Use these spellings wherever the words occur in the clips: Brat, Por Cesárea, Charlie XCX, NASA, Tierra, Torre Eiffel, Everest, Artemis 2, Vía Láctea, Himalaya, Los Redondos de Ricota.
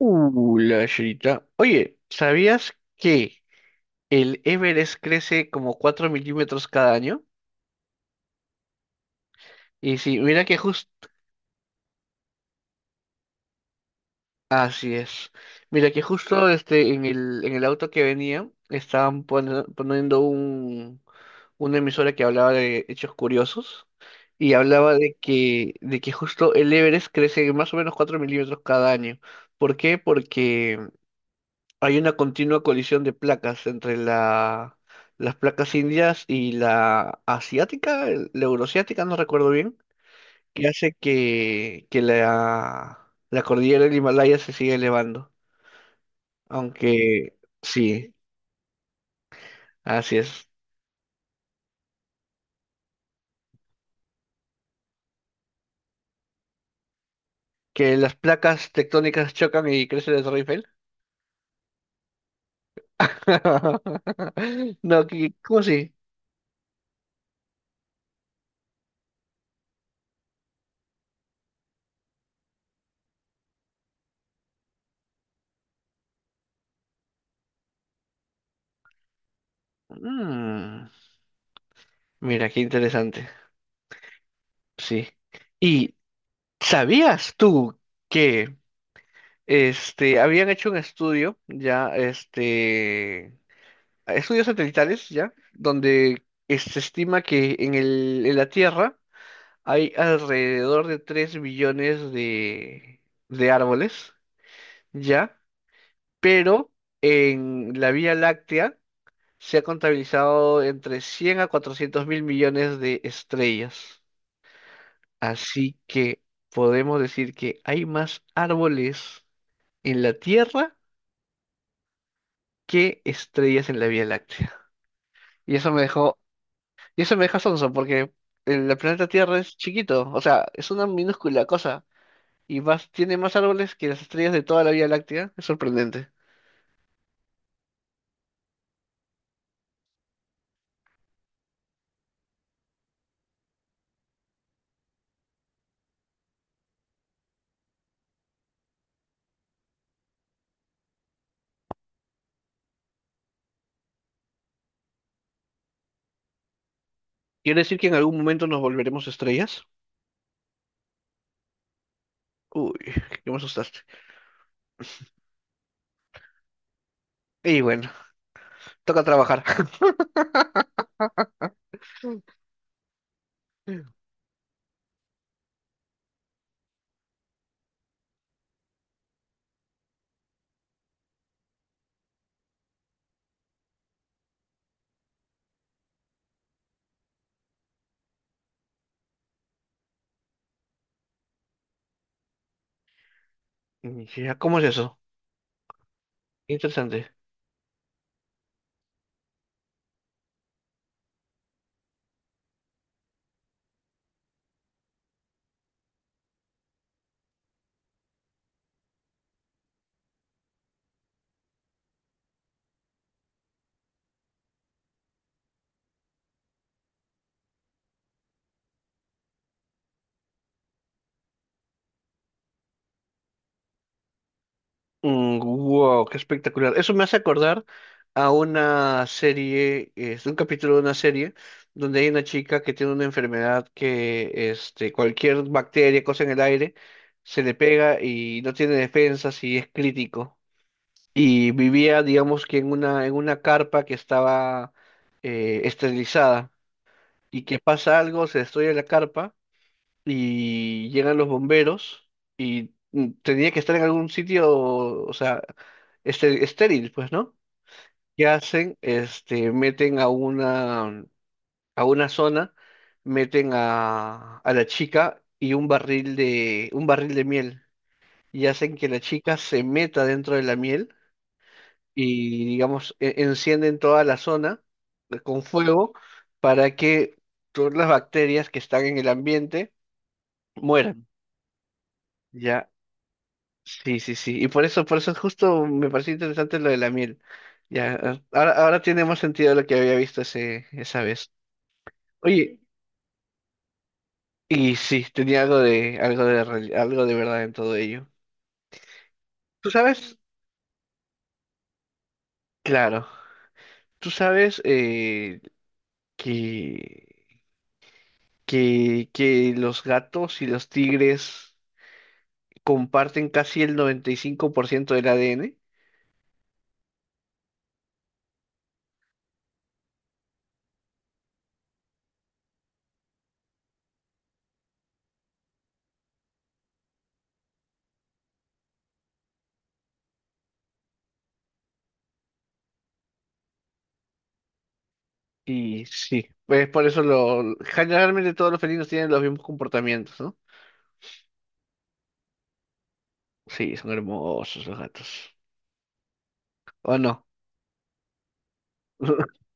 La chirita. Oye, ¿sabías que el Everest crece como 4 mm cada año? Y sí, mira que justo... Así es. Mira que justo en en el auto que venía estaban poniendo una emisora que hablaba de hechos curiosos y hablaba de de que justo el Everest crece más o menos 4 mm cada año. ¿Por qué? Porque... Hay una continua colisión de placas entre las placas indias y la asiática, la euroasiática, no recuerdo bien, que hace que la cordillera del Himalaya se siga elevando. Aunque sí, así es. Que las placas tectónicas chocan y crece la Torre Eiffel. No, ¿cómo así? Mm, mira, qué interesante. Sí. ¿Y sabías tú que... habían hecho un estudio, ya, este, estudios satelitales, ya, donde se estima que en en la Tierra hay alrededor de 3 billones de árboles, ya, pero en la Vía Láctea se ha contabilizado entre 100 a 400 mil millones de estrellas. Así que podemos decir que hay más árboles en la Tierra qué estrellas en la Vía Láctea. Y eso me dejó, y eso me deja sonso porque el planeta Tierra es chiquito, o sea, es una minúscula cosa y más, tiene más árboles que las estrellas de toda la Vía Láctea. Es sorprendente. ¿Quiere decir que en algún momento nos volveremos estrellas? Uy, que me asustaste. Y bueno, toca trabajar. Mm. Ya, ¿cómo es eso? Interesante. Mm, wow, qué espectacular. Eso me hace acordar a una serie, es un capítulo de una serie donde hay una chica que tiene una enfermedad que este, cualquier bacteria, cosa en el aire, se le pega y no tiene defensas y es crítico. Y vivía, digamos que en en una carpa que estaba esterilizada y que pasa algo, se destruye la carpa y llegan los bomberos y mm, tenía que estar en algún sitio, o sea, este, estéril, pues, ¿no? ¿Qué hacen? Este, meten a a una zona, meten a la chica y un barril un barril de miel y hacen que la chica se meta dentro de la miel y, digamos, encienden toda la zona con fuego para que todas las bacterias que están en el ambiente mueran. Ya, sí, sí, sí. Y por eso justo me pareció interesante lo de la miel. Ya, ahora, ahora tiene más sentido lo que había visto ese, esa vez. Oye, y sí, tenía algo algo algo de verdad en todo ello. ¿Tú sabes? Claro. ¿Tú sabes que, que los gatos y los tigres comparten casi el 95% del ADN? Y sí, pues por eso lo, generalmente todos los felinos tienen los mismos comportamientos, ¿no? Sí, son hermosos los gatos. ¿O no?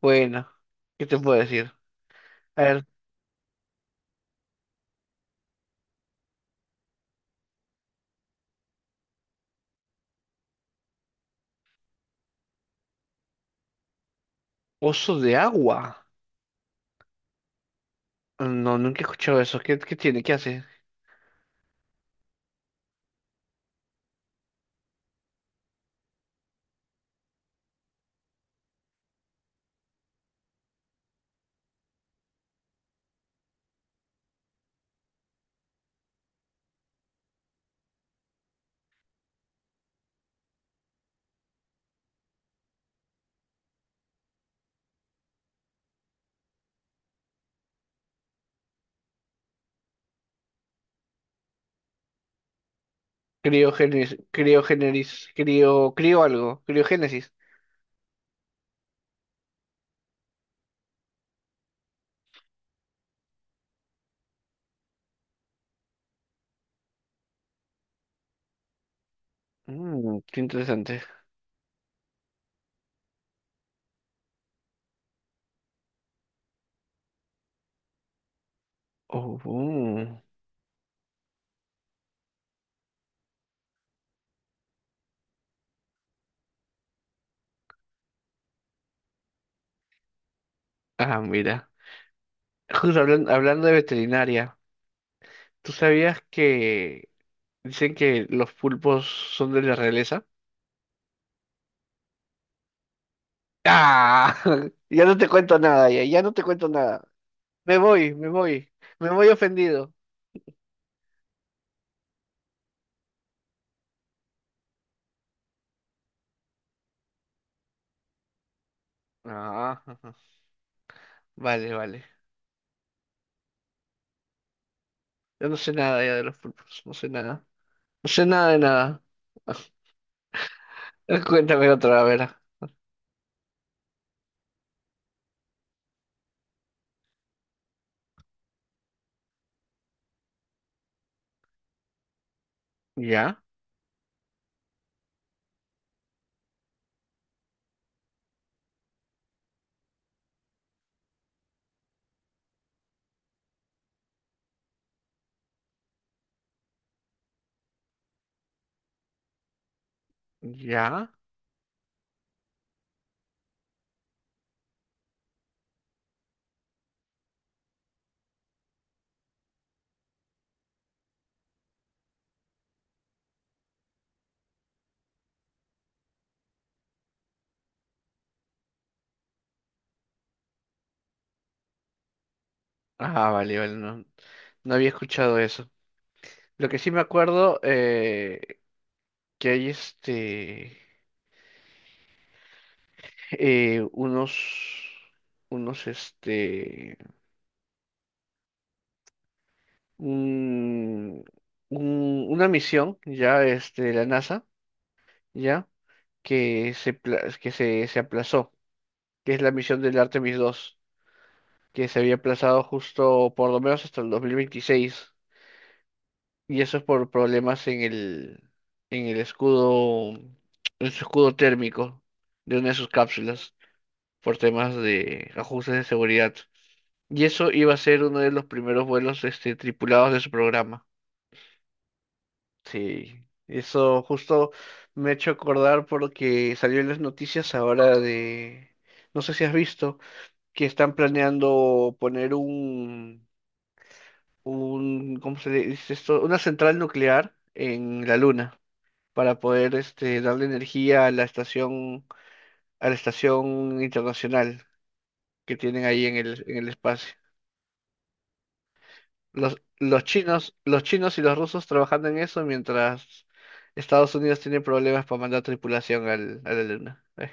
Bueno, ¿qué te puedo decir? A ver, oso de agua. No, nunca he escuchado eso. ¿Qué, qué tiene? ¿Qué hace? Criogénesis, criogénesis, crio algo, criogénesis. Mm, qué interesante. Oh, mm. Ah, mira. Justo hablando de veterinaria, ¿tú sabías que dicen que los pulpos son de la realeza? Ah, ya no te cuento nada, ya, ya no te cuento nada. Me voy, me voy. Me voy ofendido. Ah, ajá. Vale, vale. Yo no sé nada ya de los pulpos. No sé nada. No sé nada de nada. Cuéntame otra, a ver. ¿Ya? ¿Ya? Ah, vale, vale. No, no había escuchado eso. Lo que sí me acuerdo, que hay este, unos, unos, este, un, una misión, ya, este, de la NASA, ya. Que se, que se aplazó, que es la misión del Artemis 2, que se había aplazado justo por lo menos hasta el 2026, y eso es por problemas en en el escudo, en su escudo térmico de una de sus cápsulas, por temas de ajustes de seguridad. Y eso iba a ser uno de los primeros vuelos este, tripulados de su programa. Sí, eso justo me ha hecho acordar porque salió en las noticias ahora de, no sé si has visto, que están planeando poner un, ¿cómo se dice esto? Una central nuclear en la Luna para poder este, darle energía a la estación internacional que tienen ahí en en el espacio. Los chinos y los rusos trabajando en eso mientras Estados Unidos tiene problemas para mandar tripulación a la Luna.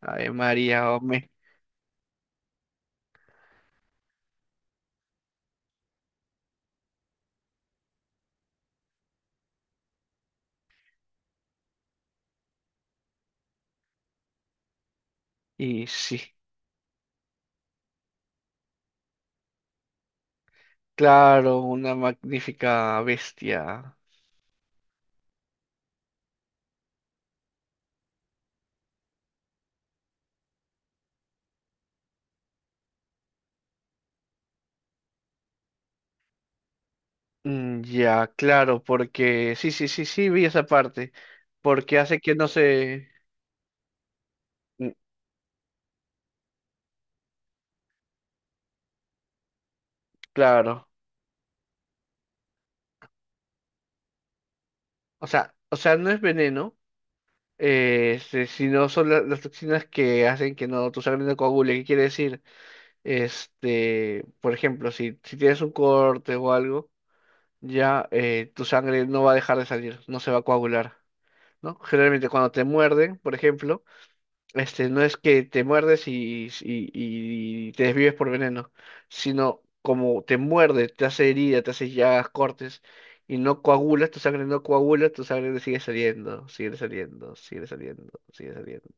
Ave María, hombre. Y sí, claro, una magnífica bestia. Mm, ya, claro, porque sí, sí, sí, sí, vi esa parte, porque hace que no se, mm, claro, o sea, no es veneno, este, sino son las toxinas que hacen que no tu sangre no coagule, ¿qué quiere decir? Este, por ejemplo, si tienes un corte o algo, ya tu sangre no va a dejar de salir, no se va a coagular, ¿no? Generalmente cuando te muerden, por ejemplo, este, no es que te muerdes y te desvives por veneno, sino como te muerde, te hace herida, te hace llagas, cortes, y no coagulas, tu sangre no coagula, tu sangre sigue saliendo, sigue saliendo, sigue saliendo, sigue saliendo.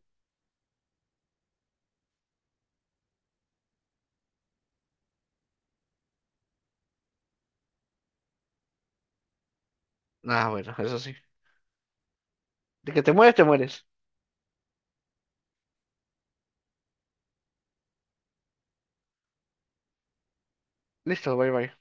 Ah, bueno, eso sí. De que te mueres, te mueres. Listo, bye bye.